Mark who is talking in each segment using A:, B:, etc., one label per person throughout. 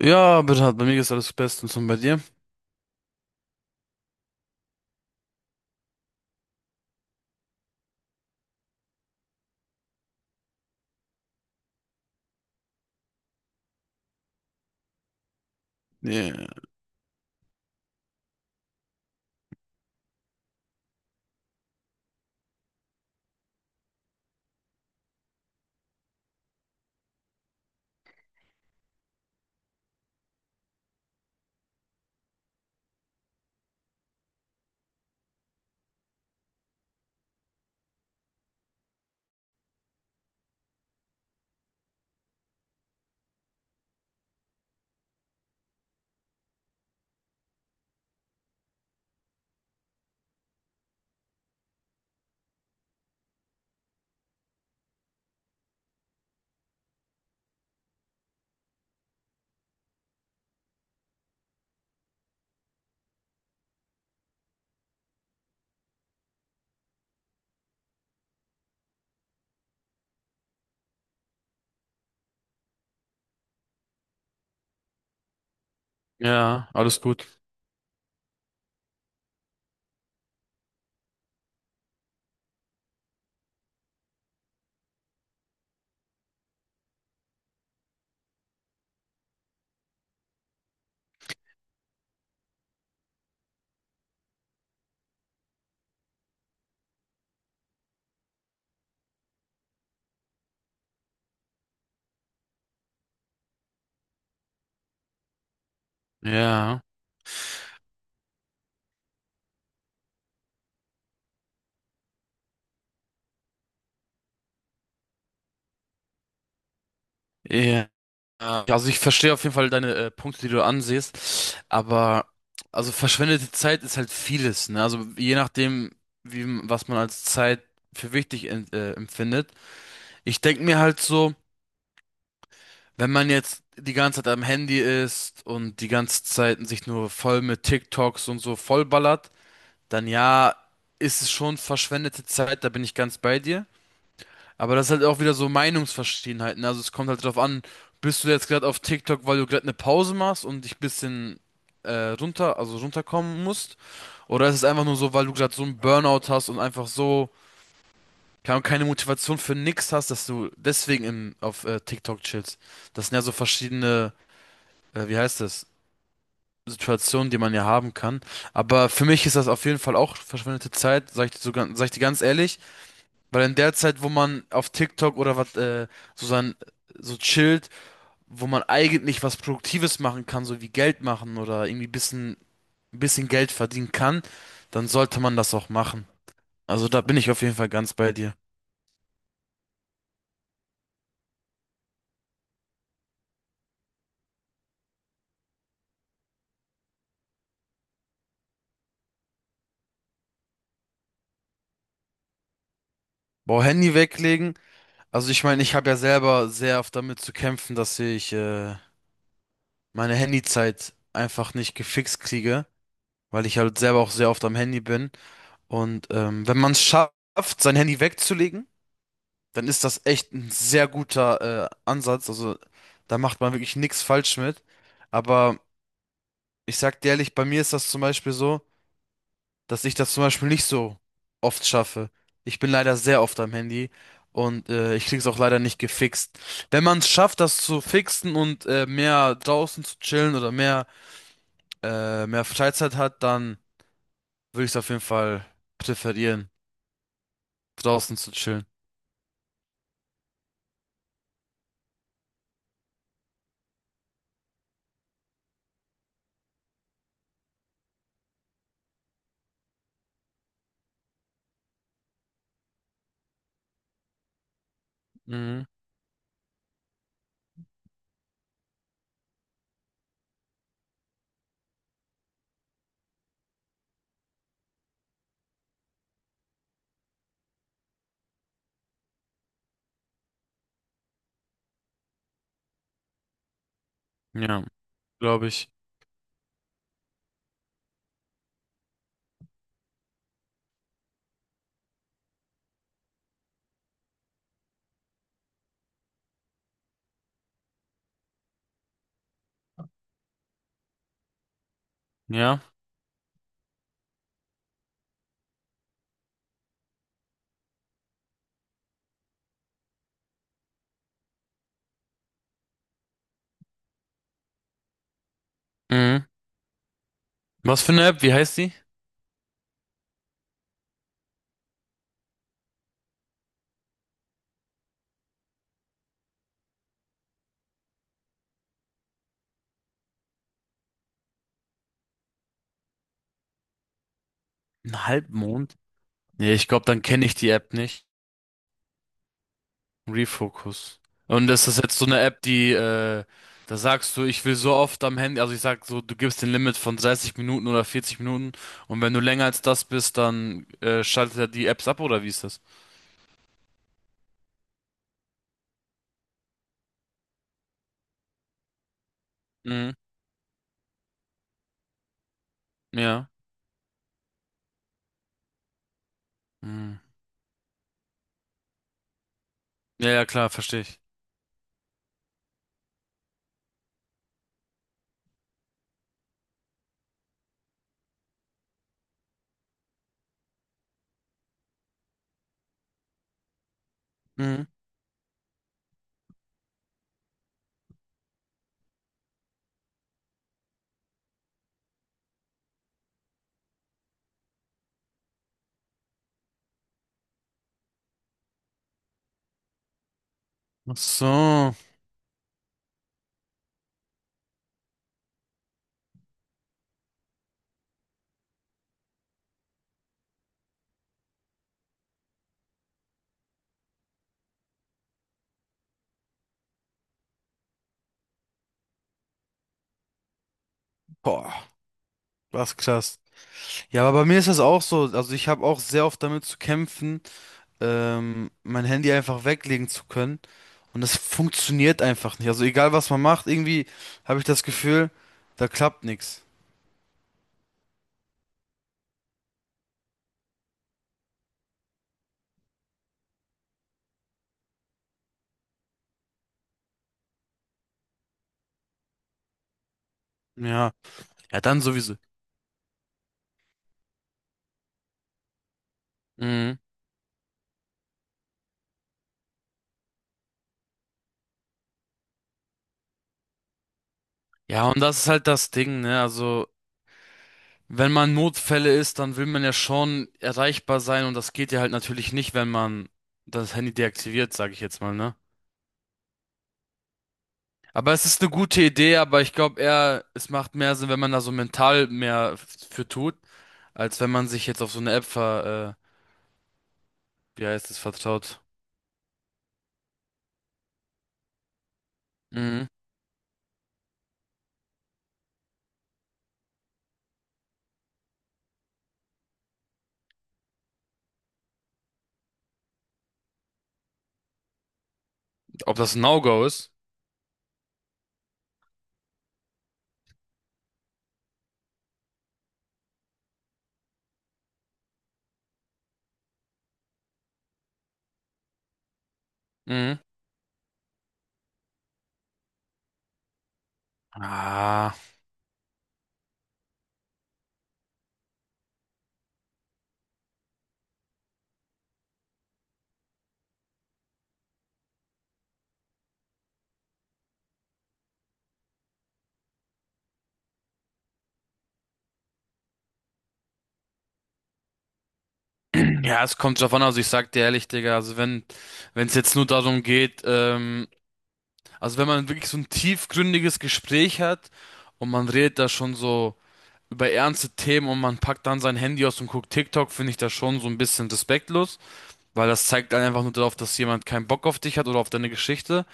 A: Ja, bitte, bei mir ist alles bestens und bei dir? Ja, ja, alles gut. Ja, ja. Also ich verstehe auf jeden Fall deine Punkte, die du ansiehst, aber also verschwendete Zeit ist halt vieles, ne? Also je nachdem, wie was man als Zeit für wichtig empfindet. Ich denke mir halt so, wenn man jetzt die ganze Zeit am Handy ist und die ganze Zeit sich nur voll mit TikToks und so vollballert, dann ja, ist es schon verschwendete Zeit, da bin ich ganz bei dir. Aber das ist halt auch wieder so Meinungsverschiedenheiten, ne? Also es kommt halt drauf an, bist du jetzt gerade auf TikTok, weil du gerade eine Pause machst und dich ein bisschen also runterkommen musst? Oder ist es einfach nur so, weil du gerade so einen Burnout hast und einfach so keine Ahnung, keine Motivation für nix hast, dass du deswegen auf TikTok chillst? Das sind ja so verschiedene, wie heißt das, Situationen, die man ja haben kann. Aber für mich ist das auf jeden Fall auch verschwendete Zeit, sag ich dir so, sag ich dir ganz ehrlich. Weil in der Zeit, wo man auf TikTok oder was, so sein, so chillt, wo man eigentlich was Produktives machen kann, so wie Geld machen oder irgendwie bisschen, bisschen Geld verdienen kann, dann sollte man das auch machen. Also da bin ich auf jeden Fall ganz bei dir. Boah, Handy weglegen. Also ich meine, ich habe ja selber sehr oft damit zu kämpfen, dass ich meine Handyzeit einfach nicht gefixt kriege, weil ich halt selber auch sehr oft am Handy bin. Und wenn man es schafft, sein Handy wegzulegen, dann ist das echt ein sehr guter Ansatz. Also da macht man wirklich nichts falsch mit. Aber ich sag dir ehrlich, bei mir ist das zum Beispiel so, dass ich das zum Beispiel nicht so oft schaffe. Ich bin leider sehr oft am Handy und ich krieg's auch leider nicht gefixt. Wenn man es schafft, das zu fixen und mehr draußen zu chillen oder mehr Freizeit hat, dann würde ich es auf jeden Fall präferieren, draußen zu chillen. Mhm. Ja, glaube ich. Ja. Mhm. Was für eine App? Wie heißt die? Ein Halbmond? Nee, ich glaube, dann kenne ich die App nicht. Refocus. Und ist das jetzt so eine App, die, da sagst du, ich will so oft am Handy, also ich sag so, du gibst den Limit von 30 Minuten oder 40 Minuten und wenn du länger als das bist, dann schaltet er die Apps ab oder wie ist das? Mhm. Ja. Mhm. Ja, ja, klar, verstehe ich. Mhm. Ach so. Boah, was krass. Ja, aber bei mir ist das auch so. Also ich habe auch sehr oft damit zu kämpfen. Mein Handy einfach weglegen zu können. Und das funktioniert einfach nicht. Also egal was man macht, irgendwie habe ich das Gefühl, da klappt nichts. Ja, ja, dann sowieso. Mhm. Ja, und das ist halt das Ding, ne? Also, wenn man Notfälle ist, dann will man ja schon erreichbar sein und das geht ja halt natürlich nicht, wenn man das Handy deaktiviert, sage ich jetzt mal, ne? Aber es ist eine gute Idee, aber ich glaube eher, es macht mehr Sinn, wenn man da so mental mehr für tut, als wenn man sich jetzt auf so eine App wie heißt es vertraut? Mhm. Ob das ein No-Go ist? Mhm. Ah. Ja, es kommt drauf an. Also ich sag dir ehrlich, Digga, also wenn wenn es jetzt nur darum geht, also wenn man wirklich so ein tiefgründiges Gespräch hat und man redet da schon so über ernste Themen und man packt dann sein Handy aus und guckt TikTok, finde ich das schon so ein bisschen respektlos, weil das zeigt dann einfach nur darauf, dass jemand keinen Bock auf dich hat oder auf deine Geschichte.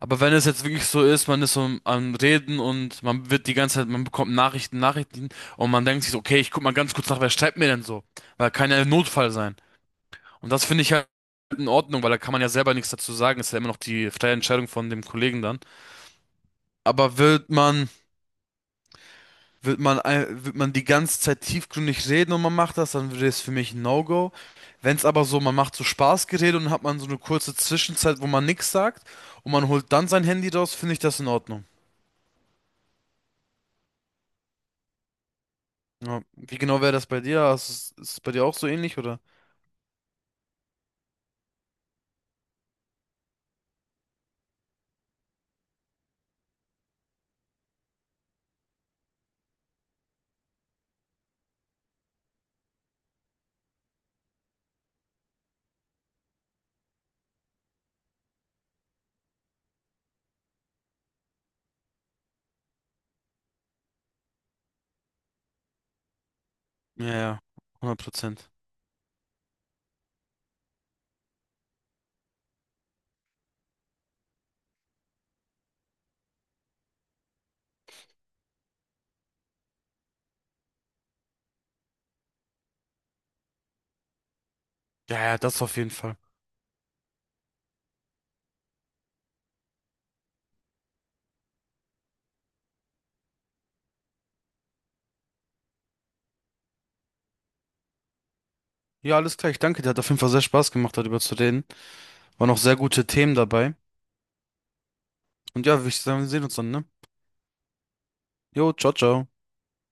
A: Aber wenn es jetzt wirklich so ist, man ist so am Reden und man wird die ganze Zeit, man bekommt Nachrichten, Nachrichten und man denkt sich so, okay, ich guck mal ganz kurz nach, wer schreibt mir denn so? Weil kann ja ein Notfall sein. Und das finde ich halt in Ordnung, weil da kann man ja selber nichts dazu sagen. Ist ja immer noch die freie Entscheidung von dem Kollegen dann. Aber wird man die ganze Zeit tiefgründig reden und man macht das, dann wäre es für mich ein No-Go. Wenn es aber so, man macht so Spaßgerede und dann hat man so eine kurze Zwischenzeit, wo man nichts sagt und man holt dann sein Handy raus, finde ich das in Ordnung. Ja. Wie genau wäre das bei dir? Hast du's- ist es bei dir auch so ähnlich, oder? Ja, ja, 100%. Ja, ja, das auf jeden Fall. Ja, alles klar. Ich danke dir. Hat auf jeden Fall sehr Spaß gemacht, darüber zu reden. Waren auch sehr gute Themen dabei. Und ja, würde ich sagen, wir sehen uns dann, ne? Jo, ciao, ciao.